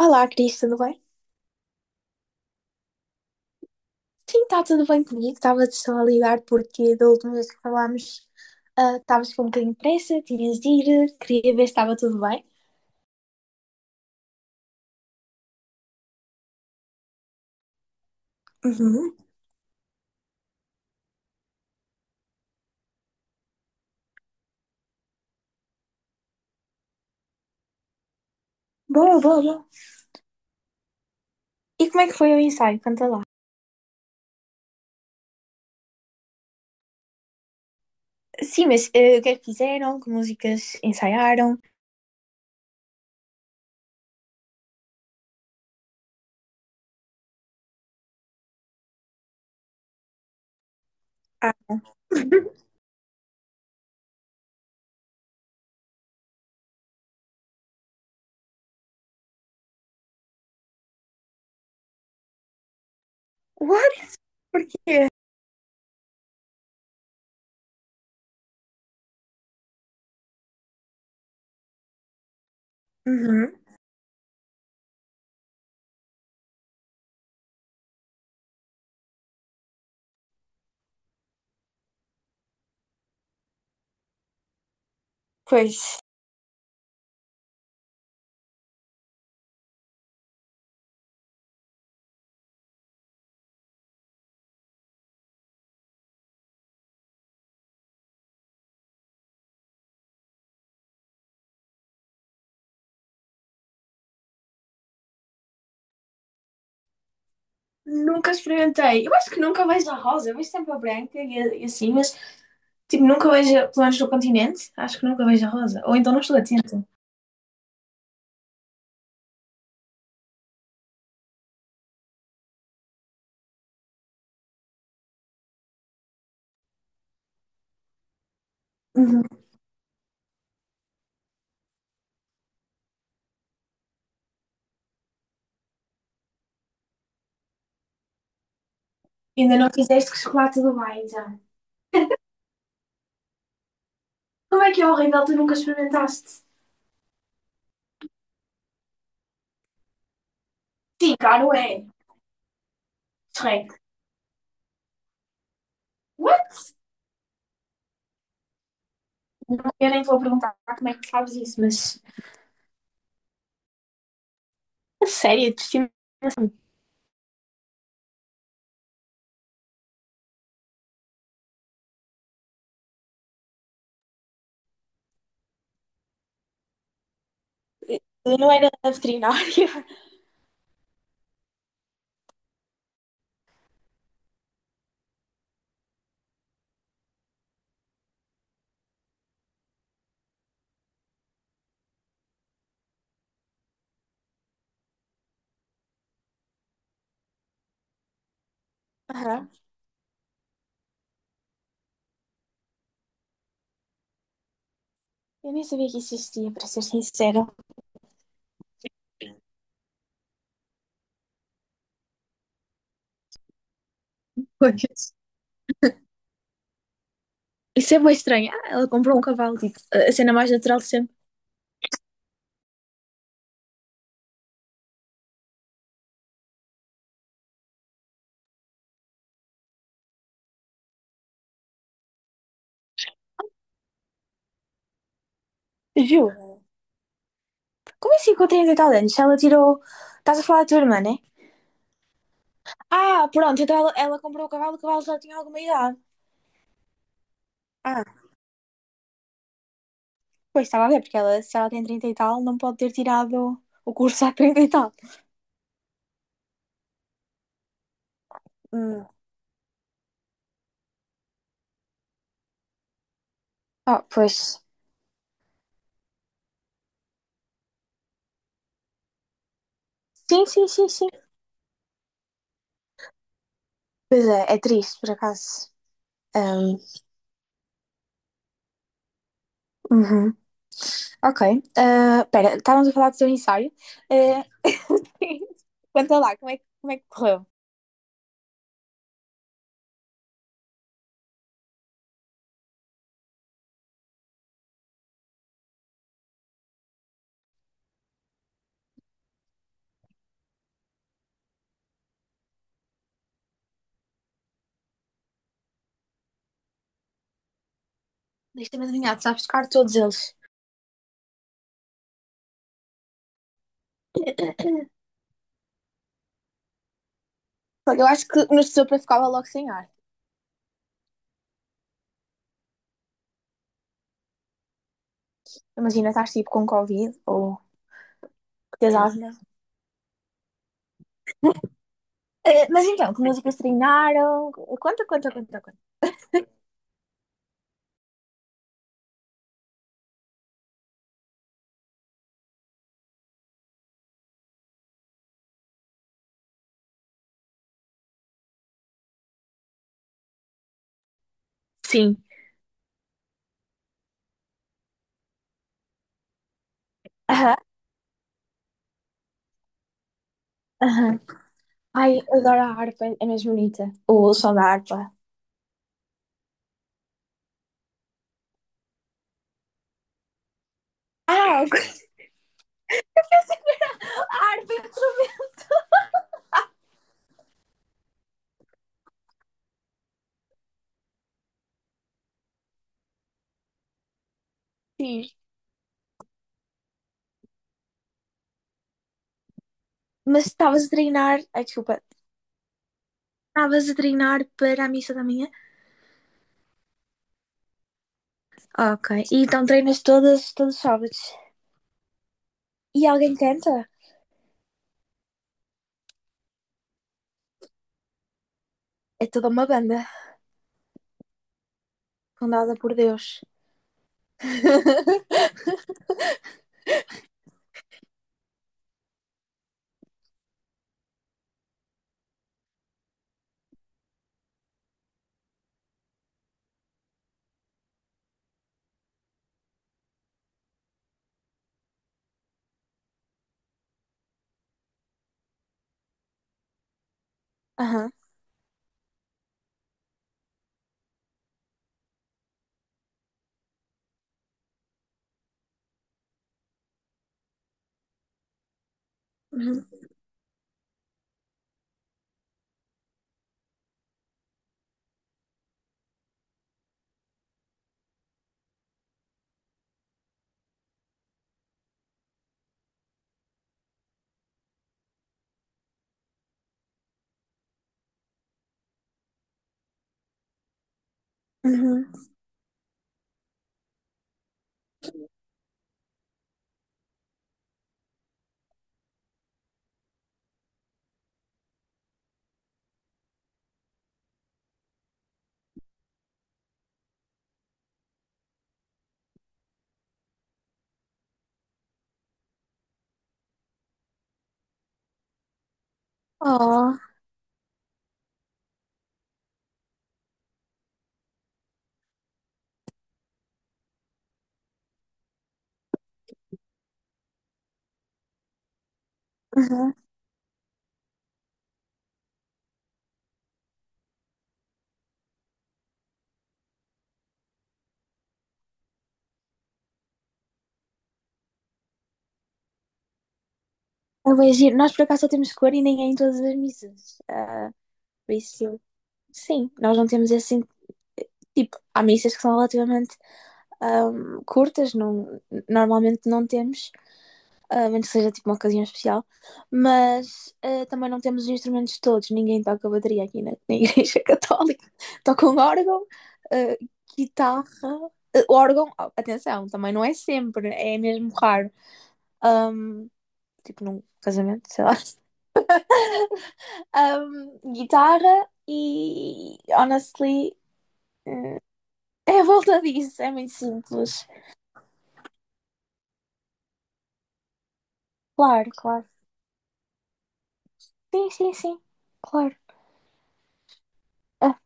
Olá, Cris, tudo bem? Sim, está tudo bem comigo. Estava-te só a ligar porque da última vez que falámos, estavas com um bocadinho de pressa, tinhas de ir, queria ver se estava tudo bem. Uhum. Boa, boa, boa. E como é que foi o ensaio? Conta lá. Sim, mas o que é que fizeram? Que músicas ensaiaram? Ah, What? Porquê? Uhum. Pois. Nunca experimentei. Eu acho que nunca vejo a rosa. Eu vejo sempre a branca e, e assim, mas tipo, nunca vejo, pelo menos no continente, acho que nunca vejo a rosa. Ou então não estou atenta. Ainda não fizeste com chocolate do Dubai, já. Como é que é horrível, tu nunca experimentaste? Sim, claro, é. Shrek. What? Não. Eu nem vou perguntar como é que sabes isso, mas... A sério, de estimação. Eu não era veterinária. Aham. Eu nem sabia que isso existia, para ser sincera. Pois. Isso é bem estranho. Ah, ela comprou um cavalo, tipo, a cena mais natural de sempre. Viu? Como é assim com 30 e tal anos? Se ela tirou. Estás a falar da tua irmã, né? Ah, pronto, então ela comprou o cavalo já tinha alguma idade. Ah, pois estava a ver, porque ela, se ela tem 30 e tal, não pode ter tirado o curso há 30 e tal. Hum. Ah, pois. Sim, sim, sim, sim. Pois é, é triste, por acaso. Ahm, uhum. Ok. Ah, pera, estávamos a falar do teu ensaio. Ah, Conta lá, como é, como é que correu? Deixa-me adivinhar, tu sabes tocar todos eles. Porque eu acho que no sopa ficava logo sem ar. Imagina, estás tipo com Covid ou que tens asma. Mas então, que músicas treinaram? Conta, conta, conta, conta. Sim. Aham, aham. Ai, adoro a harpa, é mais bonita. O som da harpa. Eu pensei que a harpa é um instrumento. Sim. Mas estavas a treinar. Ai, desculpa. Estavas a treinar para a missa da manhã? Ok. E então treinas todas, todos os sábados. E alguém canta? É toda uma banda, fundada por Deus. Aham. Uhum. Uhum. Oh, uhum. É bué giro. Nós por acaso só temos cor e nem é em todas as missas. Por isso, sim, nós não temos assim. Tipo, há missas que são relativamente curtas, não, normalmente não temos, a menos que seja tipo uma ocasião especial, mas também não temos os instrumentos todos, ninguém toca bateria aqui na Igreja Católica. Toca um órgão, ah, guitarra, órgão, oh, atenção, também não é sempre, é mesmo raro. Tipo num casamento, sei lá. Guitarra e honestly é a volta disso, é muito simples. Claro, claro. Sim, sim, sim, claro. Ah,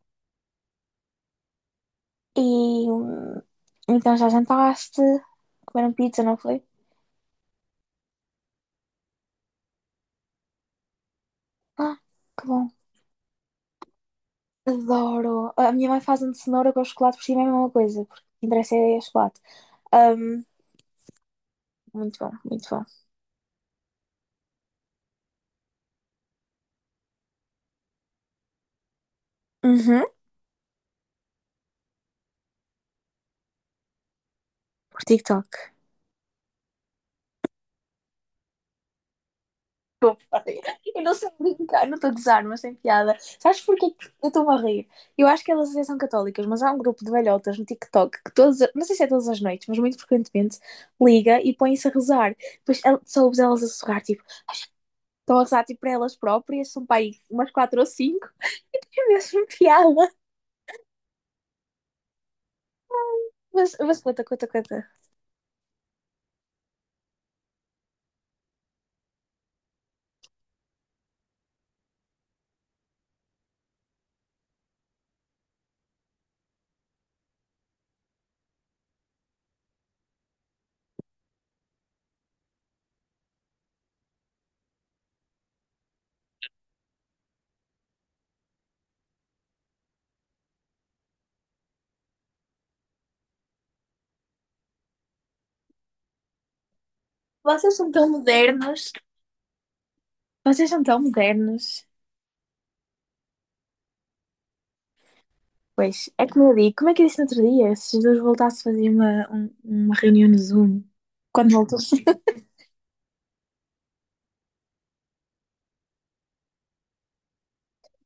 e então já jantaste, comeram pizza, não foi? Ah, que bom. Adoro. A minha mãe faz um de cenoura com chocolate por cima, é a mesma coisa, porque o que interessa é chocolate. Um, muito bom, muito bom. Uhum, por TikTok. Desculpa. Eu não sei brincar, não estou a gozar, mas sem piada. Sabes porquê que eu estou-me a rir? Eu acho que elas até são católicas, mas há um grupo de velhotas no TikTok que todas, não sei se é todas as noites, mas muito frequentemente liga e põe-se a rezar. Depois só elas a sussurrar, tipo, estão a rezar tipo, para elas próprias, são para aí umas quatro ou cinco, e tem mesmo piada. Mas conta, conta, conta. Vocês são tão modernos, vocês são tão modernos. Pois, é como eu digo, como é que eu disse no outro dia? Se Jesus voltasse a fazer uma, uma reunião no Zoom, quando voltas,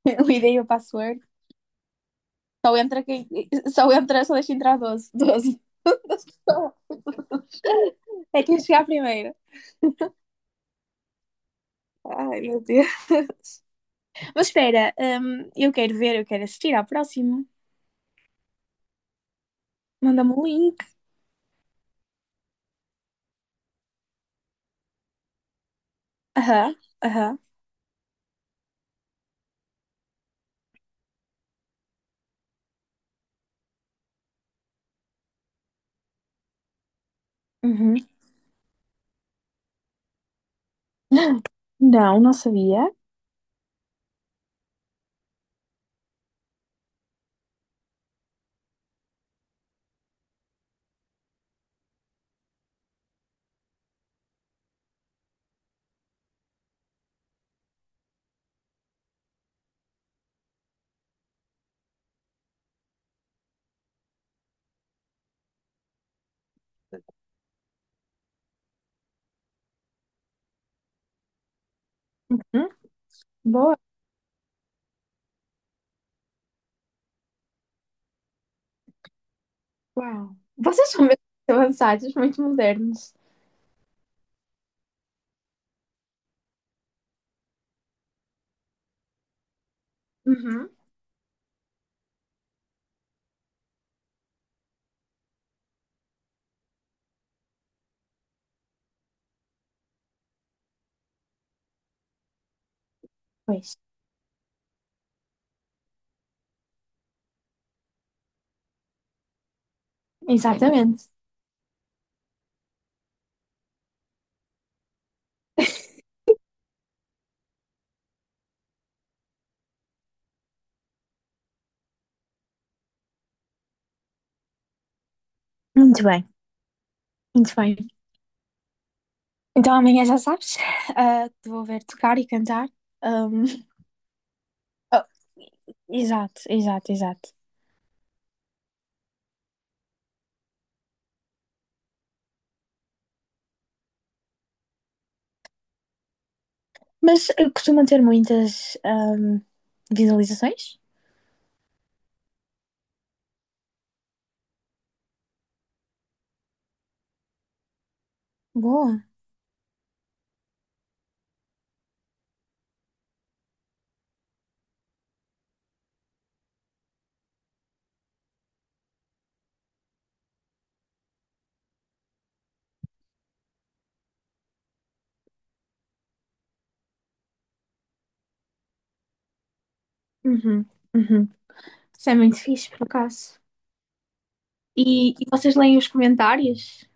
eu ideia e o password, só entra quem, só entra, só deixa entrar 12 12. É quem chegar primeiro. Ai, meu Deus. Mas espera, eu quero ver, eu quero assistir à próxima. Manda-me o link. Aham, aham. Uhum. Não, não sabia. Uhum. Boa. Uau. Vocês são muito avançados, muito modernos. Uhum. Pois, exatamente. Muito bem, muito bem. Então amanhã já sabes, te vou ver tocar e cantar. Ahm, oh, exato, exato, exato. Mas costuma ter muitas visualizações? Boa. Uhum, uhum. Isso é muito fixe, por acaso. E vocês leem os comentários?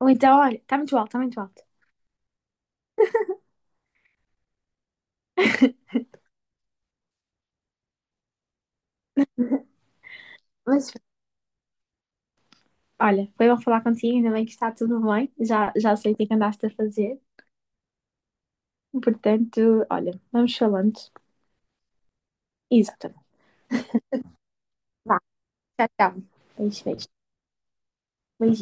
Ou então, olha, está muito alto, está muito alto. Mas, olha, foi bom falar contigo, ainda bem que está tudo bem. Já, já sei o que é que andaste a fazer. Portanto, olha, vamos falando. Exatamente. Vá, tchau, tchau. Beijo, beijo. Beijinho.